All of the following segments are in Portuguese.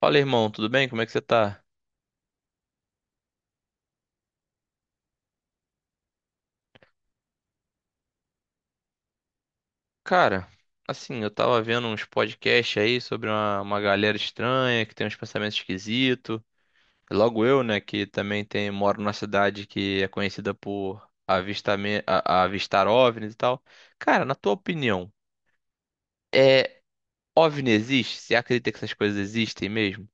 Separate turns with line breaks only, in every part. Fala, irmão, tudo bem? Como é que você tá? Cara, assim, eu tava vendo uns podcasts aí sobre uma galera estranha que tem uns pensamentos esquisitos. Logo eu, né, que também tem, moro numa cidade que é conhecida por avistar OVNIs e tal. Cara, na tua opinião, é OVNI existe? Você acredita que essas coisas existem mesmo?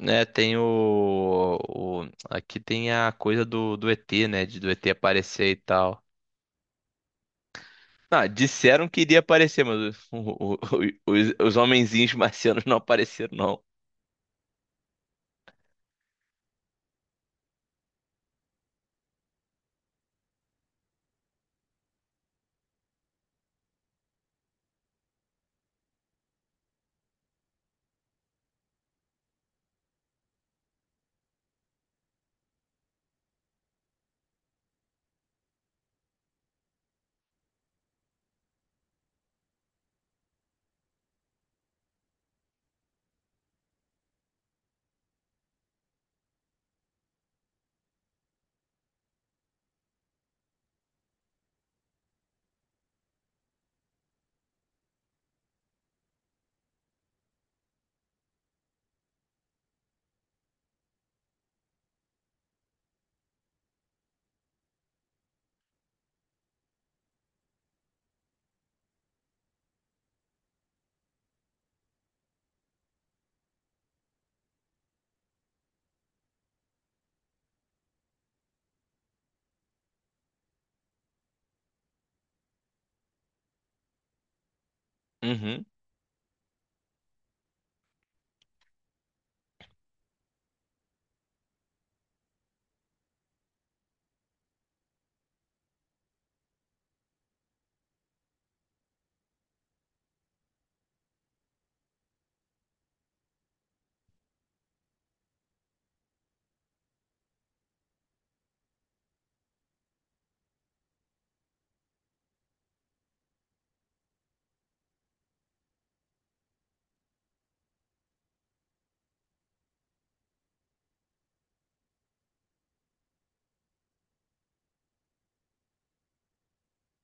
Né. Aqui tem a coisa do ET, né, de do ET aparecer e tal. Ah, disseram que iria aparecer, mas os homenzinhos marcianos não apareceram, não. Uhum.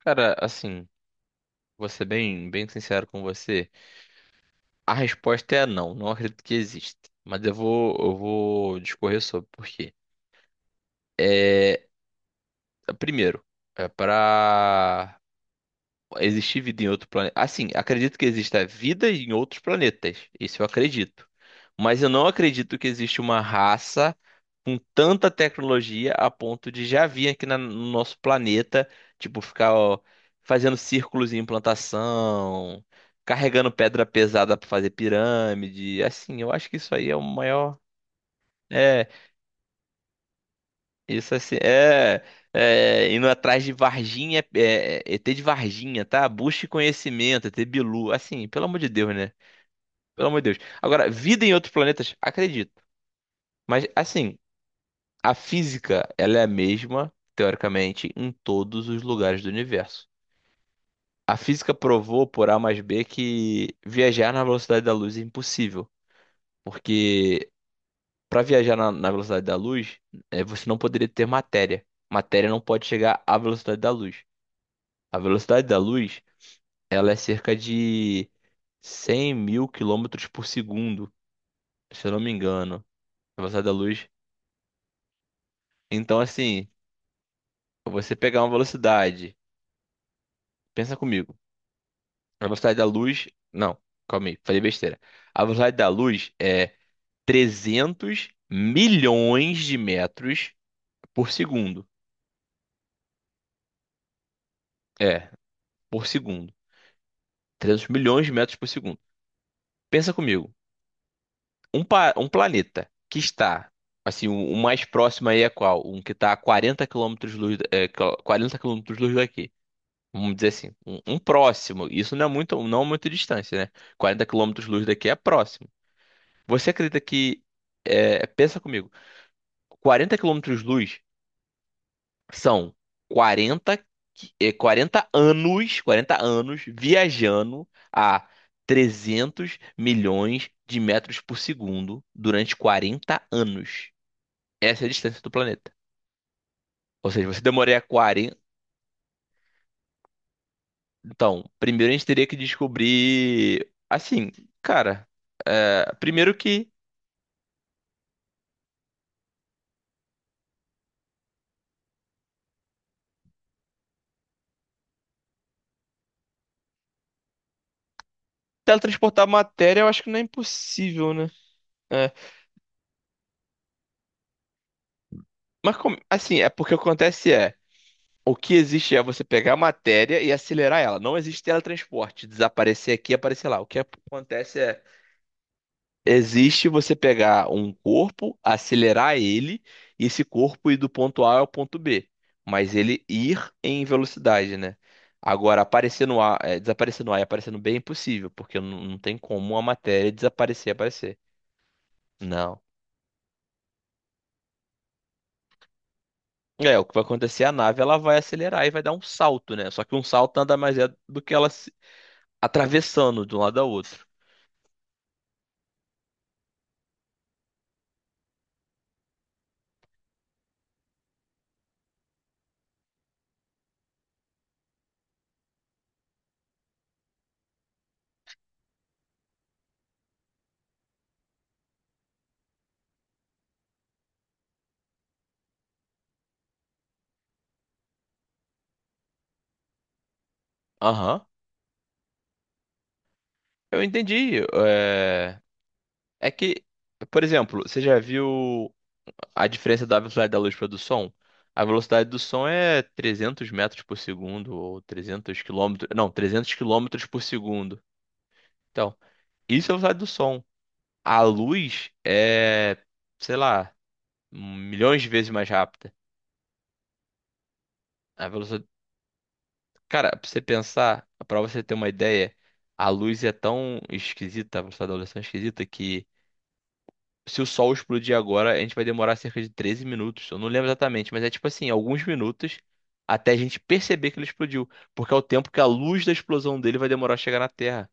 Cara, assim, vou ser bem, bem sincero com você. A resposta é não, não acredito que exista. Mas eu vou discorrer sobre por quê. É, primeiro, é para existir vida em outro planeta. Assim, acredito que exista vida em outros planetas. Isso eu acredito. Mas eu não acredito que existe uma raça com tanta tecnologia a ponto de já vir aqui no nosso planeta, tipo, ficar ó, fazendo círculos em implantação, carregando pedra pesada para fazer pirâmide. Assim, eu acho que isso aí é o maior. É, isso assim, indo atrás de Varginha, ET de Varginha, tá? Busque conhecimento, ET Bilu, assim, pelo amor de Deus, né? Pelo amor de Deus. Agora, vida em outros planetas, acredito. Mas, assim, a física, ela é a mesma, teoricamente, em todos os lugares do universo. A física provou por A mais B que viajar na velocidade da luz é impossível, porque para viajar na velocidade da luz, você não poderia ter matéria. Matéria não pode chegar à velocidade da luz. A velocidade da luz, ela é cerca de 100 mil quilômetros por segundo, se eu não me engano. A velocidade da luz. Então, assim, você pegar uma velocidade, pensa comigo. A velocidade da luz. Não, calma aí, falei besteira. A velocidade da luz é 300 milhões de metros por segundo. É, por segundo. 300 milhões de metros por segundo. Pensa comigo. Um planeta que está. Assim, o mais próximo aí é qual? Um que está a 40 quilômetros luz, 40 quilômetros luz daqui. Vamos dizer assim, um próximo. Isso não é muito, não é muito distância, né? 40 quilômetros luz daqui é próximo. Você acredita que. Pensa comigo. 40 quilômetros de luz são 40, 40 anos, 40 anos viajando a 300 milhões de metros por segundo durante 40 anos. Essa é a distância do planeta. Ou seja, você demoraria quarenta. Então, primeiro a gente teria que descobrir. Assim, cara, primeiro que teletransportar matéria eu acho que não é impossível, né? É, mas assim, é porque o que acontece é. O que existe é você pegar a matéria e acelerar ela. Não existe teletransporte, desaparecer aqui e aparecer lá. O que acontece é, existe você pegar um corpo, acelerar ele, e esse corpo ir do ponto A ao ponto B. Mas ele ir em velocidade, né? Agora, aparecer no A, desaparecer no A e aparecer no B é impossível, porque não tem como a matéria desaparecer e aparecer. Não. O que vai acontecer, a nave ela vai acelerar e vai dar um salto, né? Só que um salto nada mais é do que ela atravessando de um lado ao outro. Aham, eu entendi. É que, por exemplo, você já viu a diferença da velocidade da luz para do som? A velocidade do som é 300 metros por segundo ou 300 quilômetros, não, 300 quilômetros por segundo. Então, isso é a velocidade do som. A luz é, sei lá, milhões de vezes mais rápida. A velocidade... Cara, pra você pensar, pra você ter uma ideia, a luz é tão esquisita, a velocidade da luz é tão esquisita que se o sol explodir agora, a gente vai demorar cerca de 13 minutos. Eu não lembro exatamente, mas é tipo assim, alguns minutos até a gente perceber que ele explodiu, porque é o tempo que a luz da explosão dele vai demorar a chegar na Terra.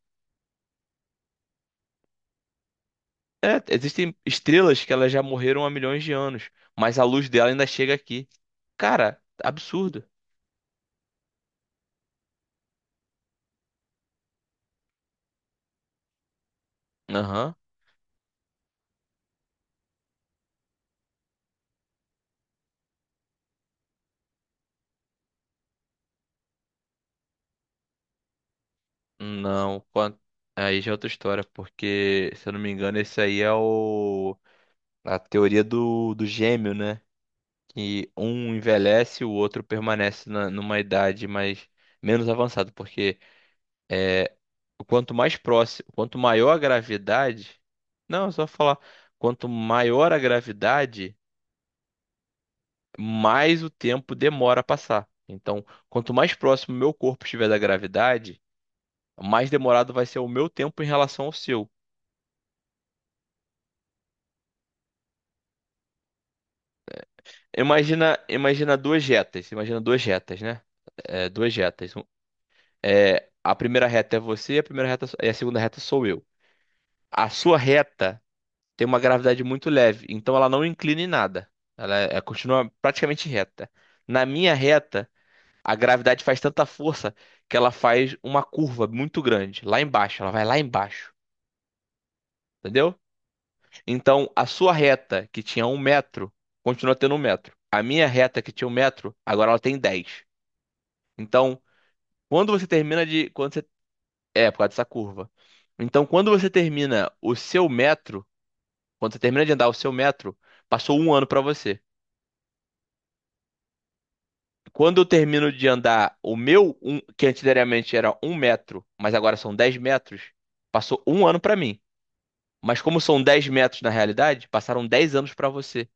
É, existem estrelas que elas já morreram há milhões de anos, mas a luz dela ainda chega aqui. Cara, absurdo. Aham. Não, aí já é outra história, porque, se eu não me engano, esse aí é o a teoria do gêmeo, né? Que um envelhece e o outro permanece numa idade mais menos avançada, porque é, quanto mais próximo, quanto maior a gravidade, não, é só falar, quanto maior a gravidade, mais o tempo demora a passar. Então, quanto mais próximo o meu corpo estiver da gravidade, mais demorado vai ser o meu tempo em relação ao seu. Imagina duas retas, imagina duas retas, né? Duas retas. A primeira reta é você, a primeira reta e a segunda reta sou eu. A sua reta tem uma gravidade muito leve, então ela não inclina em nada. Ela continua praticamente reta. Na minha reta, a gravidade faz tanta força que ela faz uma curva muito grande, lá embaixo. Ela vai lá embaixo, entendeu? Então, a sua reta, que tinha um metro, continua tendo um metro. A minha reta, que tinha um metro, agora ela tem dez. Então, quando você termina de. Quando você, por causa dessa curva. Então, quando você termina o seu metro. Quando você termina de andar o seu metro, passou um ano pra você. Quando eu termino de andar o meu, um, que anteriormente era um metro, mas agora são 10 metros, passou um ano pra mim. Mas como são 10 metros na realidade, passaram 10 anos pra você.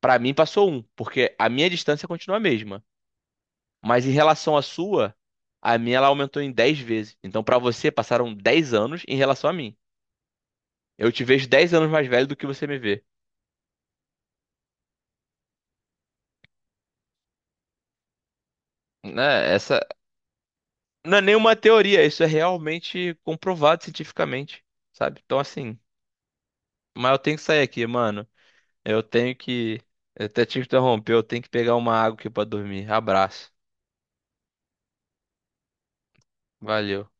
Pra mim passou um, porque a minha distância continua a mesma. Mas em relação à sua, a minha ela aumentou em 10 vezes. Então pra você passaram 10 anos em relação a mim. Eu te vejo 10 anos mais velho do que você me vê. Né, essa, Não é nenhuma teoria, isso é realmente comprovado cientificamente, sabe? Então, assim, mas eu tenho que sair aqui, mano. Eu tenho que. Eu até te interromper, eu tenho que pegar uma água aqui pra dormir. Abraço. Valeu.